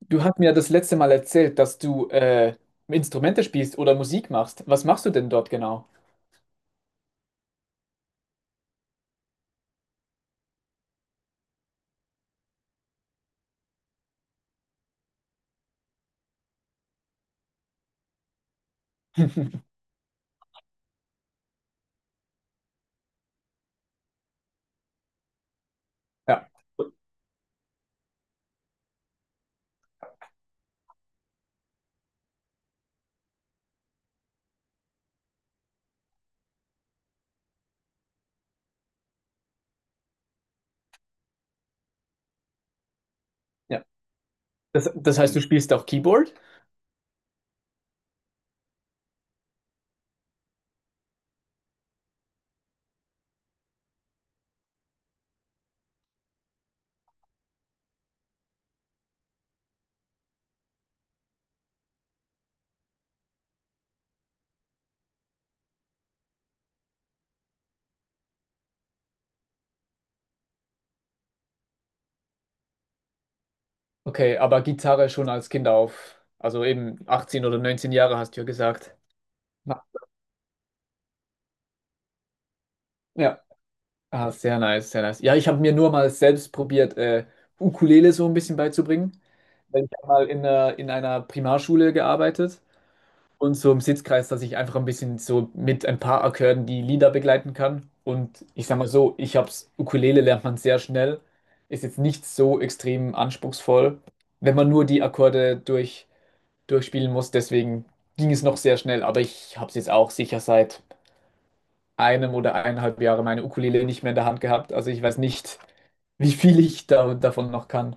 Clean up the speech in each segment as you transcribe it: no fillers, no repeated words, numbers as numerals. Du hast mir das letzte Mal erzählt, dass du Instrumente spielst oder Musik machst. Was machst du denn dort genau? Ja, ja. Das heißt, du spielst auch Keyboard? Okay, aber Gitarre schon als Kind auf. Also eben 18 oder 19 Jahre hast du ja gesagt. Na. Ja, ah, sehr nice, sehr nice. Ja, ich habe mir nur mal selbst probiert, Ukulele so ein bisschen beizubringen. Weil ich habe mal in einer Primarschule gearbeitet. Und so im Sitzkreis, dass ich einfach ein bisschen so mit ein paar Akkorden die Lieder begleiten kann. Und ich sag mal so, ich hab's, Ukulele lernt man sehr schnell, ist jetzt nicht so extrem anspruchsvoll, wenn man nur die Akkorde durchspielen muss. Deswegen ging es noch sehr schnell, aber ich hab's jetzt auch sicher seit einem oder eineinhalb Jahre meine Ukulele nicht mehr in der Hand gehabt. Also ich weiß nicht, wie viel ich davon noch kann.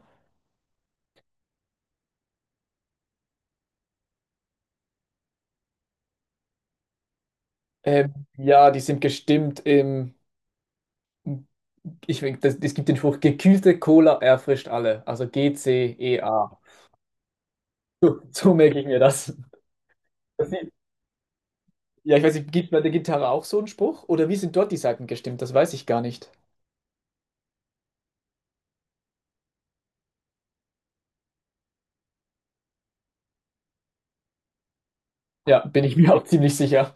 Ja, die sind gestimmt im es gibt den Spruch, gekühlte Cola erfrischt alle. Also G-C-E-A. So merke ich mir das. das sieht- ja, ich weiß nicht, gibt bei der Gitarre auch so einen Spruch? Oder wie sind dort die Saiten gestimmt? Das weiß ich gar nicht. Ja, bin ich mir auch ziemlich sicher.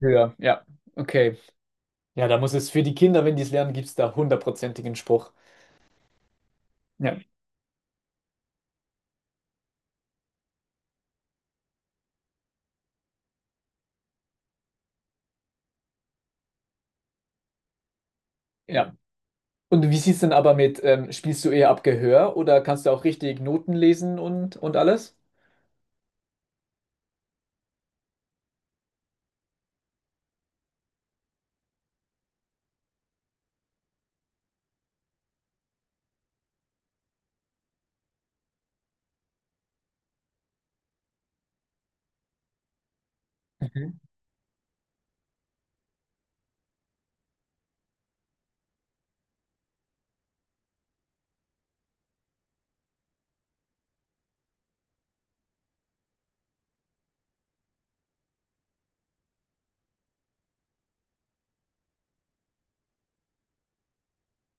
Ja, ja. Okay. Ja, da muss es für die Kinder, wenn die es lernen, gibt es da hundertprozentigen Spruch. Ja. Ja. Und wie sieht es denn aber mit, spielst du eher ab Gehör oder kannst du auch richtig Noten lesen und alles? Mhm.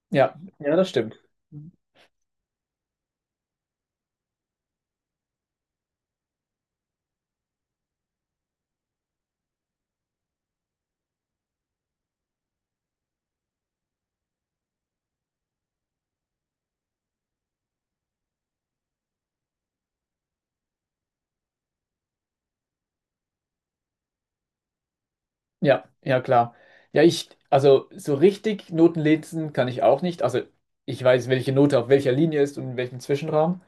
Ja, ja, das stimmt. Ja, ja klar. Ja, also so richtig Noten lesen kann ich auch nicht. Also ich weiß, welche Note auf welcher Linie ist und in welchem Zwischenraum,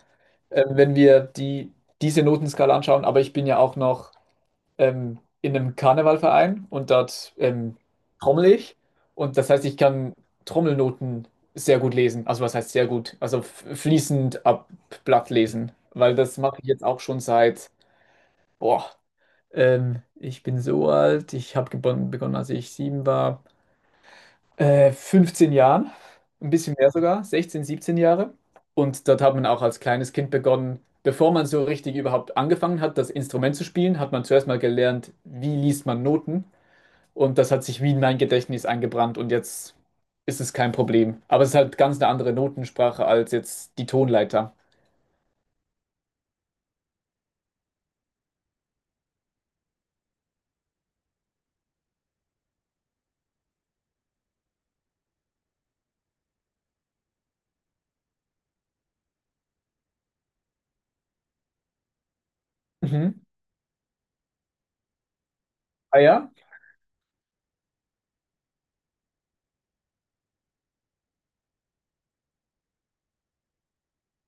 wenn wir diese Notenskala anschauen. Aber ich bin ja auch noch in einem Karnevalverein und dort trommel ich. Und das heißt, ich kann Trommelnoten sehr gut lesen. Also was heißt sehr gut? Also fließend ab Blatt lesen, weil das mache ich jetzt auch schon seit – boah, ich bin so alt. Ich habe begonnen, als ich 7 war. 15 Jahren, ein bisschen mehr sogar, 16, 17 Jahre. Und dort hat man auch als kleines Kind begonnen, bevor man so richtig überhaupt angefangen hat, das Instrument zu spielen, hat man zuerst mal gelernt, wie liest man Noten. Und das hat sich wie in mein Gedächtnis eingebrannt und jetzt ist es kein Problem. Aber es ist halt ganz eine andere Notensprache als jetzt die Tonleiter. Mhm. Ah ja?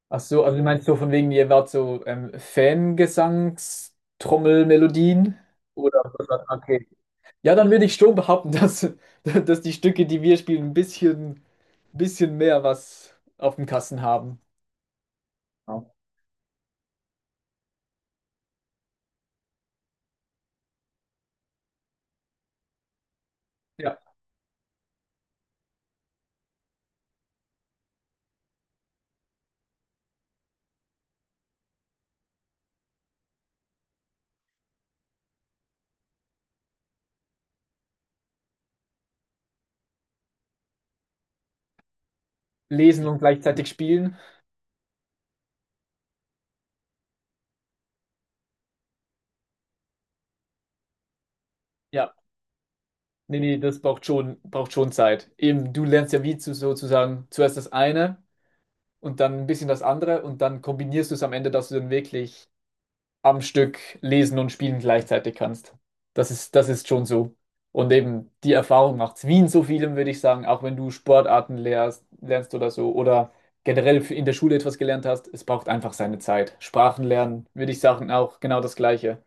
Ach so, also du meinst so von wegen, ihr wart so Fangesangstrommelmelodien? Oder okay. Ja, dann würde ich schon behaupten, dass die Stücke, die wir spielen, ein bisschen mehr was auf dem Kasten haben. Ja. Ja. Lesen und gleichzeitig spielen. Ja, nee, nee, das braucht schon Zeit. Eben, du lernst ja wie sozusagen zuerst das eine und dann ein bisschen das andere und dann kombinierst du es am Ende, dass du dann wirklich am Stück lesen und spielen gleichzeitig kannst. Das ist schon so. Und eben die Erfahrung macht es. Wie in so vielem, würde ich sagen, auch wenn du Sportarten lernst oder so oder generell in der Schule etwas gelernt hast, es braucht einfach seine Zeit. Sprachen lernen, würde ich sagen, auch genau das Gleiche.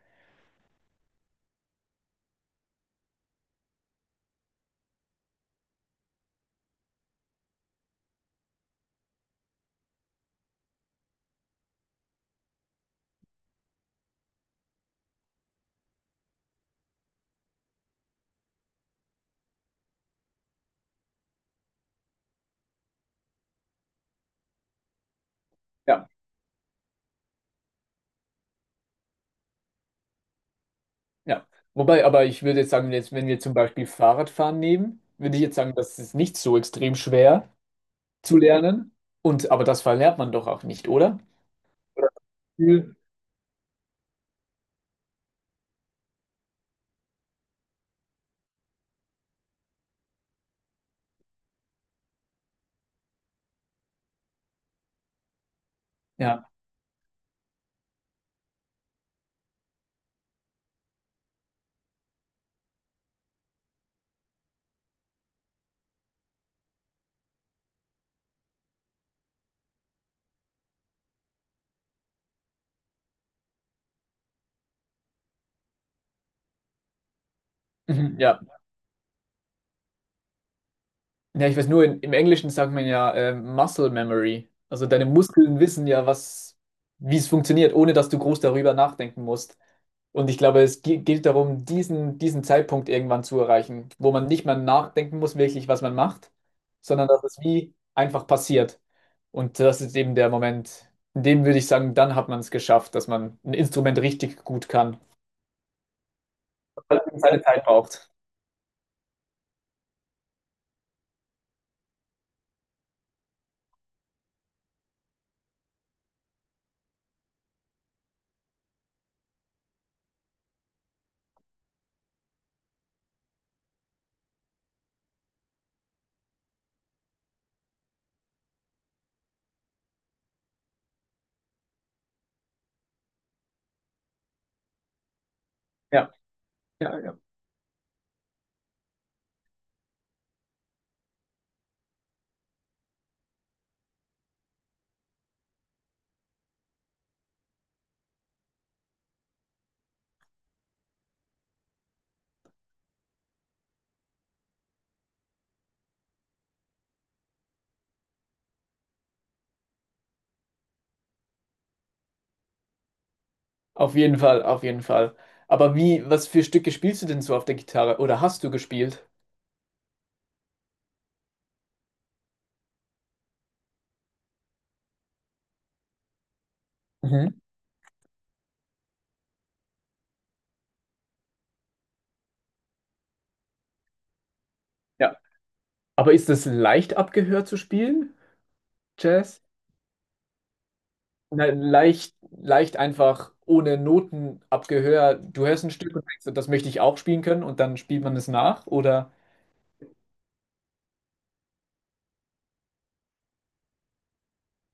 Ja, ja. Wobei, aber ich würde jetzt sagen, jetzt, wenn wir zum Beispiel Fahrradfahren nehmen, würde ich jetzt sagen, das ist nicht so extrem schwer zu lernen. Und aber das verlernt man doch auch nicht, oder? Oder? Ja, mhm, ja. Ja, ich weiß nur, im Englischen sagt man ja, Muscle Memory. Also deine Muskeln wissen ja, wie es funktioniert, ohne dass du groß darüber nachdenken musst. Und ich glaube, es geht darum, diesen Zeitpunkt irgendwann zu erreichen, wo man nicht mehr nachdenken muss, wirklich, was man macht, sondern dass es wie einfach passiert. Und das ist eben der Moment, in dem würde ich sagen, dann hat man es geschafft, dass man ein Instrument richtig gut kann. Weil es seine Zeit braucht. Ja. Ja, ja. Auf jeden Fall, auf jeden Fall. Aber was für Stücke spielst du denn so auf der Gitarre? Oder hast du gespielt? Mhm. Ja. Aber ist das leicht abgehört zu spielen? Jazz? Nein, leicht einfach ohne Noten abgehör. Du hörst ein Stück und denkst, so, das möchte ich auch spielen können und dann spielt man es nach. Oder,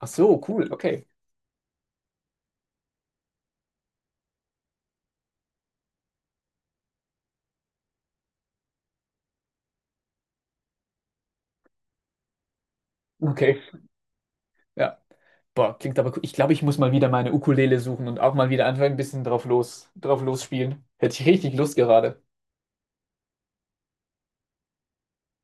ach so, cool, okay. Okay, ja. Boah, klingt aber cool. Ich glaube, ich muss mal wieder meine Ukulele suchen und auch mal wieder einfach ein bisschen drauf losspielen. Hätte ich richtig Lust gerade.